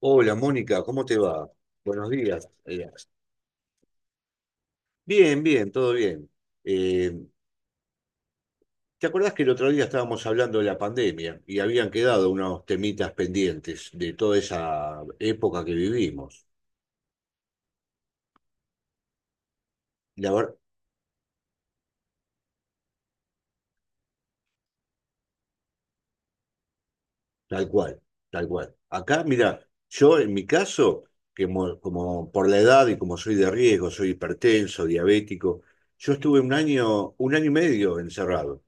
Hola, Mónica, ¿cómo te va? Buenos días. Bien, bien, todo bien. Eh, ¿Te acordás que el otro día estábamos hablando de la pandemia y habían quedado unos temitas pendientes de toda esa época que vivimos? La verdad, tal cual, tal cual. Acá, mira, yo en mi caso, como por la edad y como soy de riesgo, soy hipertenso, diabético, yo estuve un año y medio encerrado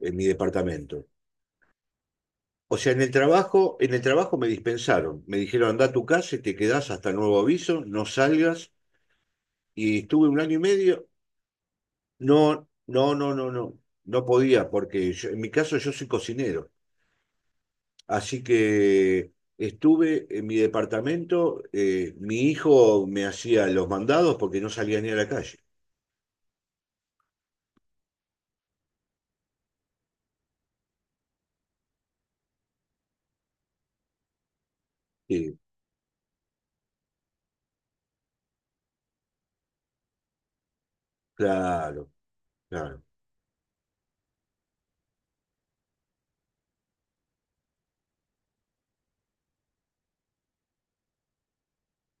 en mi departamento. O sea, en el trabajo me dispensaron. Me dijeron, anda a tu casa y te quedás hasta nuevo aviso, no salgas. Y estuve un año y medio. No, no, no, no, no. No podía, en mi caso yo soy cocinero. Así que estuve en mi departamento. Mi hijo me hacía los mandados porque no salía ni a la calle. Sí, claro, claro.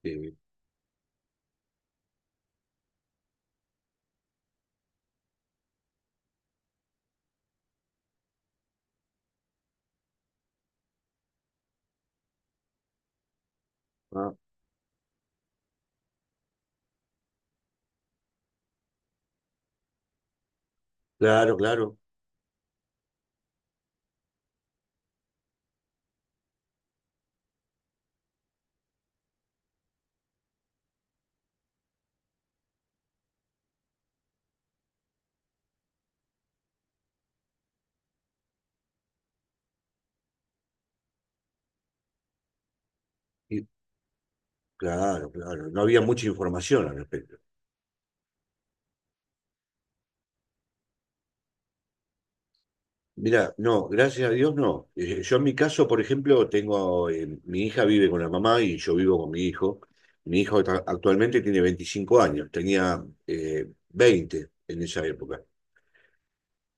Sí, ah, claro, claro. y- claro, claro. No había mucha información al respecto. Mira, no, gracias a Dios no. Yo en mi caso, por ejemplo, tengo, mi hija vive con la mamá y yo vivo con mi hijo. Actualmente tiene 25 años, tenía 20 en esa época.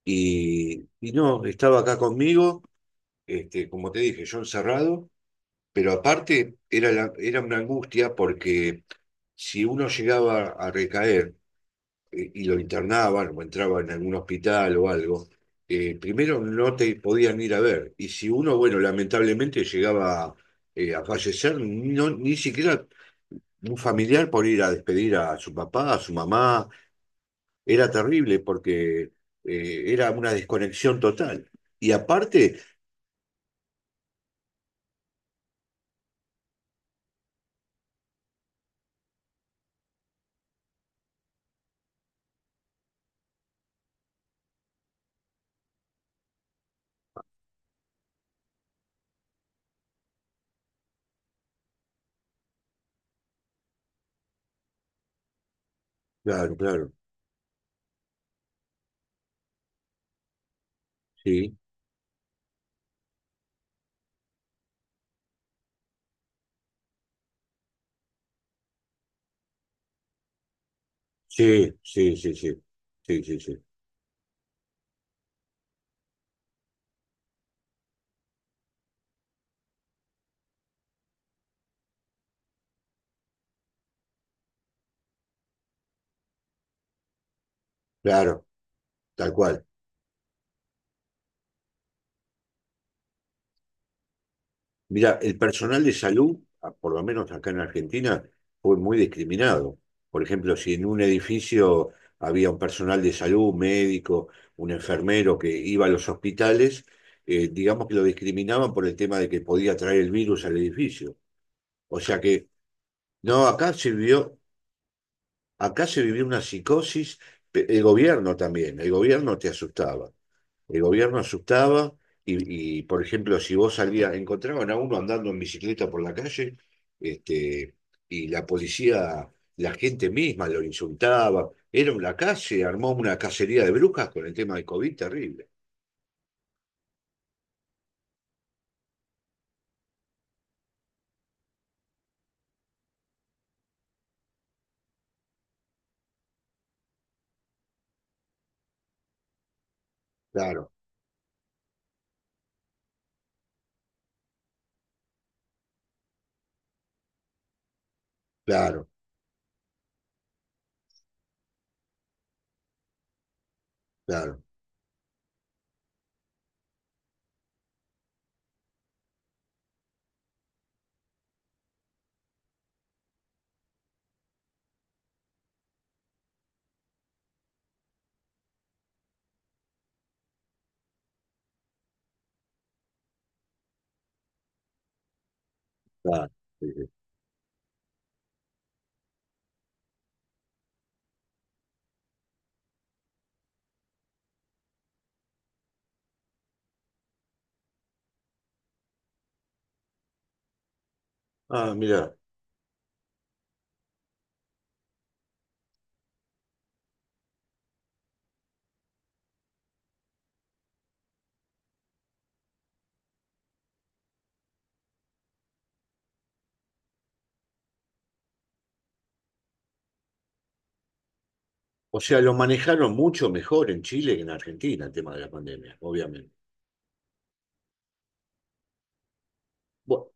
Y no, estaba acá conmigo, este, como te dije, yo encerrado, pero aparte era una angustia porque si uno llegaba a recaer, y lo internaban o entraba en algún hospital o algo, primero no te podían ir a ver. Y si uno, bueno, lamentablemente llegaba a fallecer, no, ni siquiera un familiar por ir a despedir a su papá, a su mamá, era terrible porque era una desconexión total. Y aparte, claro, claro, sí, sí, sí, sí, sí, sí, sí, sí, claro, tal cual. Mira, el personal de salud, por lo menos acá en Argentina, fue muy discriminado. Por ejemplo, si en un edificio había un personal de salud, un médico, un enfermero que iba a los hospitales, digamos que lo discriminaban por el tema de que podía traer el virus al edificio. O sea que, no, acá se vivió una psicosis, el gobierno también, el gobierno te asustaba. El gobierno asustaba y, por ejemplo, si vos salías, encontraban a uno andando en bicicleta por la calle, este, y la policía, la gente misma lo insultaba. Era una calle, armó una cacería de brujas con el tema del COVID terrible. Claro, claro, claro, claro. Sí, sí. Ah, mira. O sea, lo manejaron mucho mejor en Chile que en Argentina el tema de la pandemia, obviamente. Bu-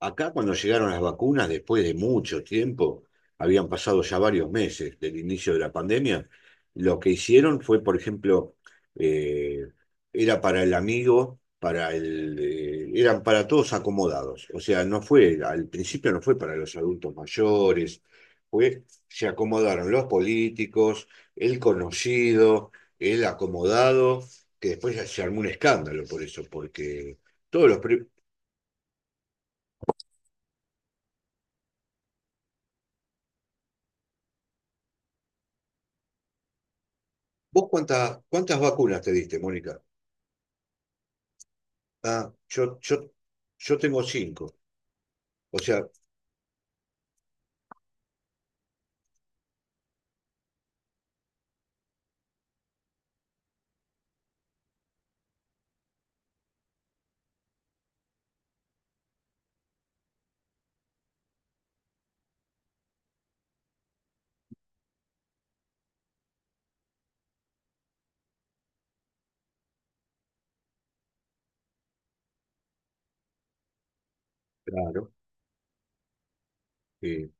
Acá cuando llegaron las vacunas, después de mucho tiempo, habían pasado ya varios meses del inicio de la pandemia, lo que hicieron fue, por ejemplo, eh, era para el amigo, para el, eran para todos acomodados. O sea, no fue, al principio no fue para los adultos mayores, fue, se acomodaron los políticos, el conocido, el acomodado, que después se armó un escándalo por eso, porque todos los, pri- ¿Vos cuántas vacunas te diste, Mónica? Ah, yo, yo, yo tengo cinco. O sea, claro. eh,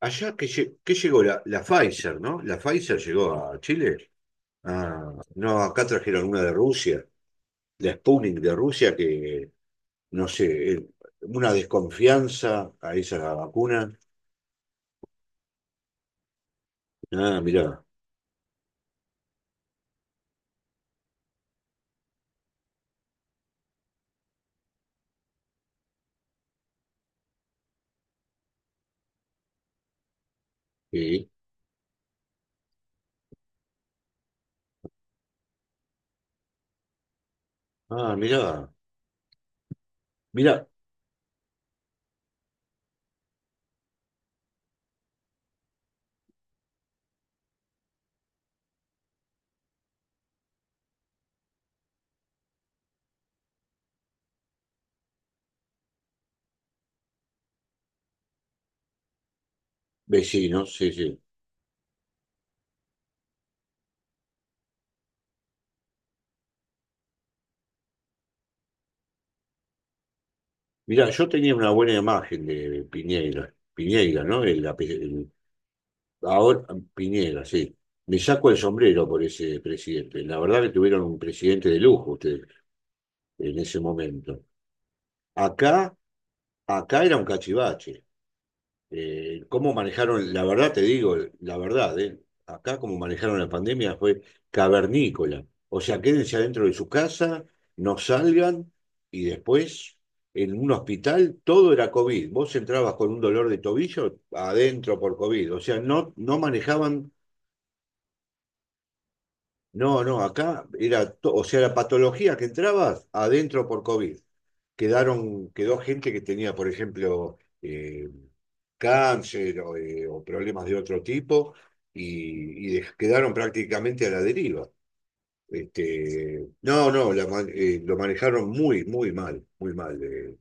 Allá que, que llegó la, la Pfizer, ¿no? La Pfizer llegó a Chile. Ah, no, acá trajeron una de Rusia, la Sputnik de Rusia, que no sé, una desconfianza a esa vacuna. Ah, mirá. Sí. Ah, mirá. Mirá, vecinos, sí, sí. Mirá, yo tenía una buena imagen de Piñeira, Piñeira, ¿no? Ahora Piñera, sí. Me saco el sombrero por ese presidente. La verdad que tuvieron un presidente de lujo ustedes en ese momento. Acá, acá era un cachivache. Cómo manejaron, la verdad te digo, la verdad, acá como manejaron la pandemia fue cavernícola. O sea, quédense adentro de su casa, no salgan y después en un hospital todo era COVID. Vos entrabas con un dolor de tobillo adentro por COVID. O sea, no, no manejaban, no, no, acá era, o sea, la patología que entrabas adentro por COVID. Quedaron, quedó gente que tenía, por ejemplo, cáncer o problemas de otro tipo y, quedaron prácticamente a la deriva. Este, no, no, lo manejaron muy, muy mal, muy mal.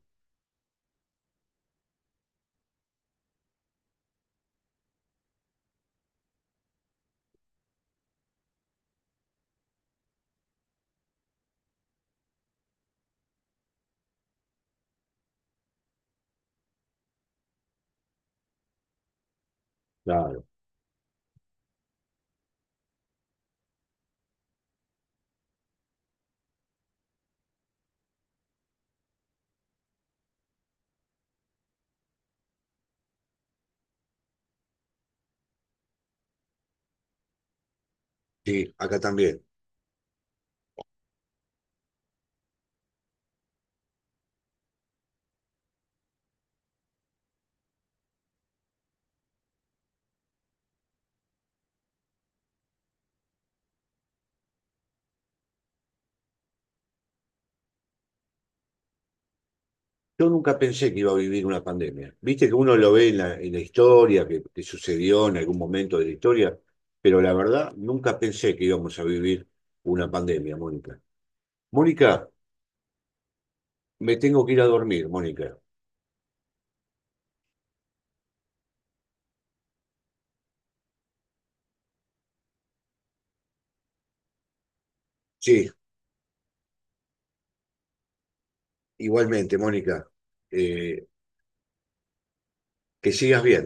Claro. Sí, acá también. Yo nunca pensé que iba a vivir una pandemia. Viste que uno lo ve en la historia, que sucedió en algún momento de la historia, pero la verdad nunca pensé que íbamos a vivir una pandemia, Mónica. Mónica, me tengo que ir a dormir, Mónica. Sí, igualmente, Mónica. Eh, Que sigas bien.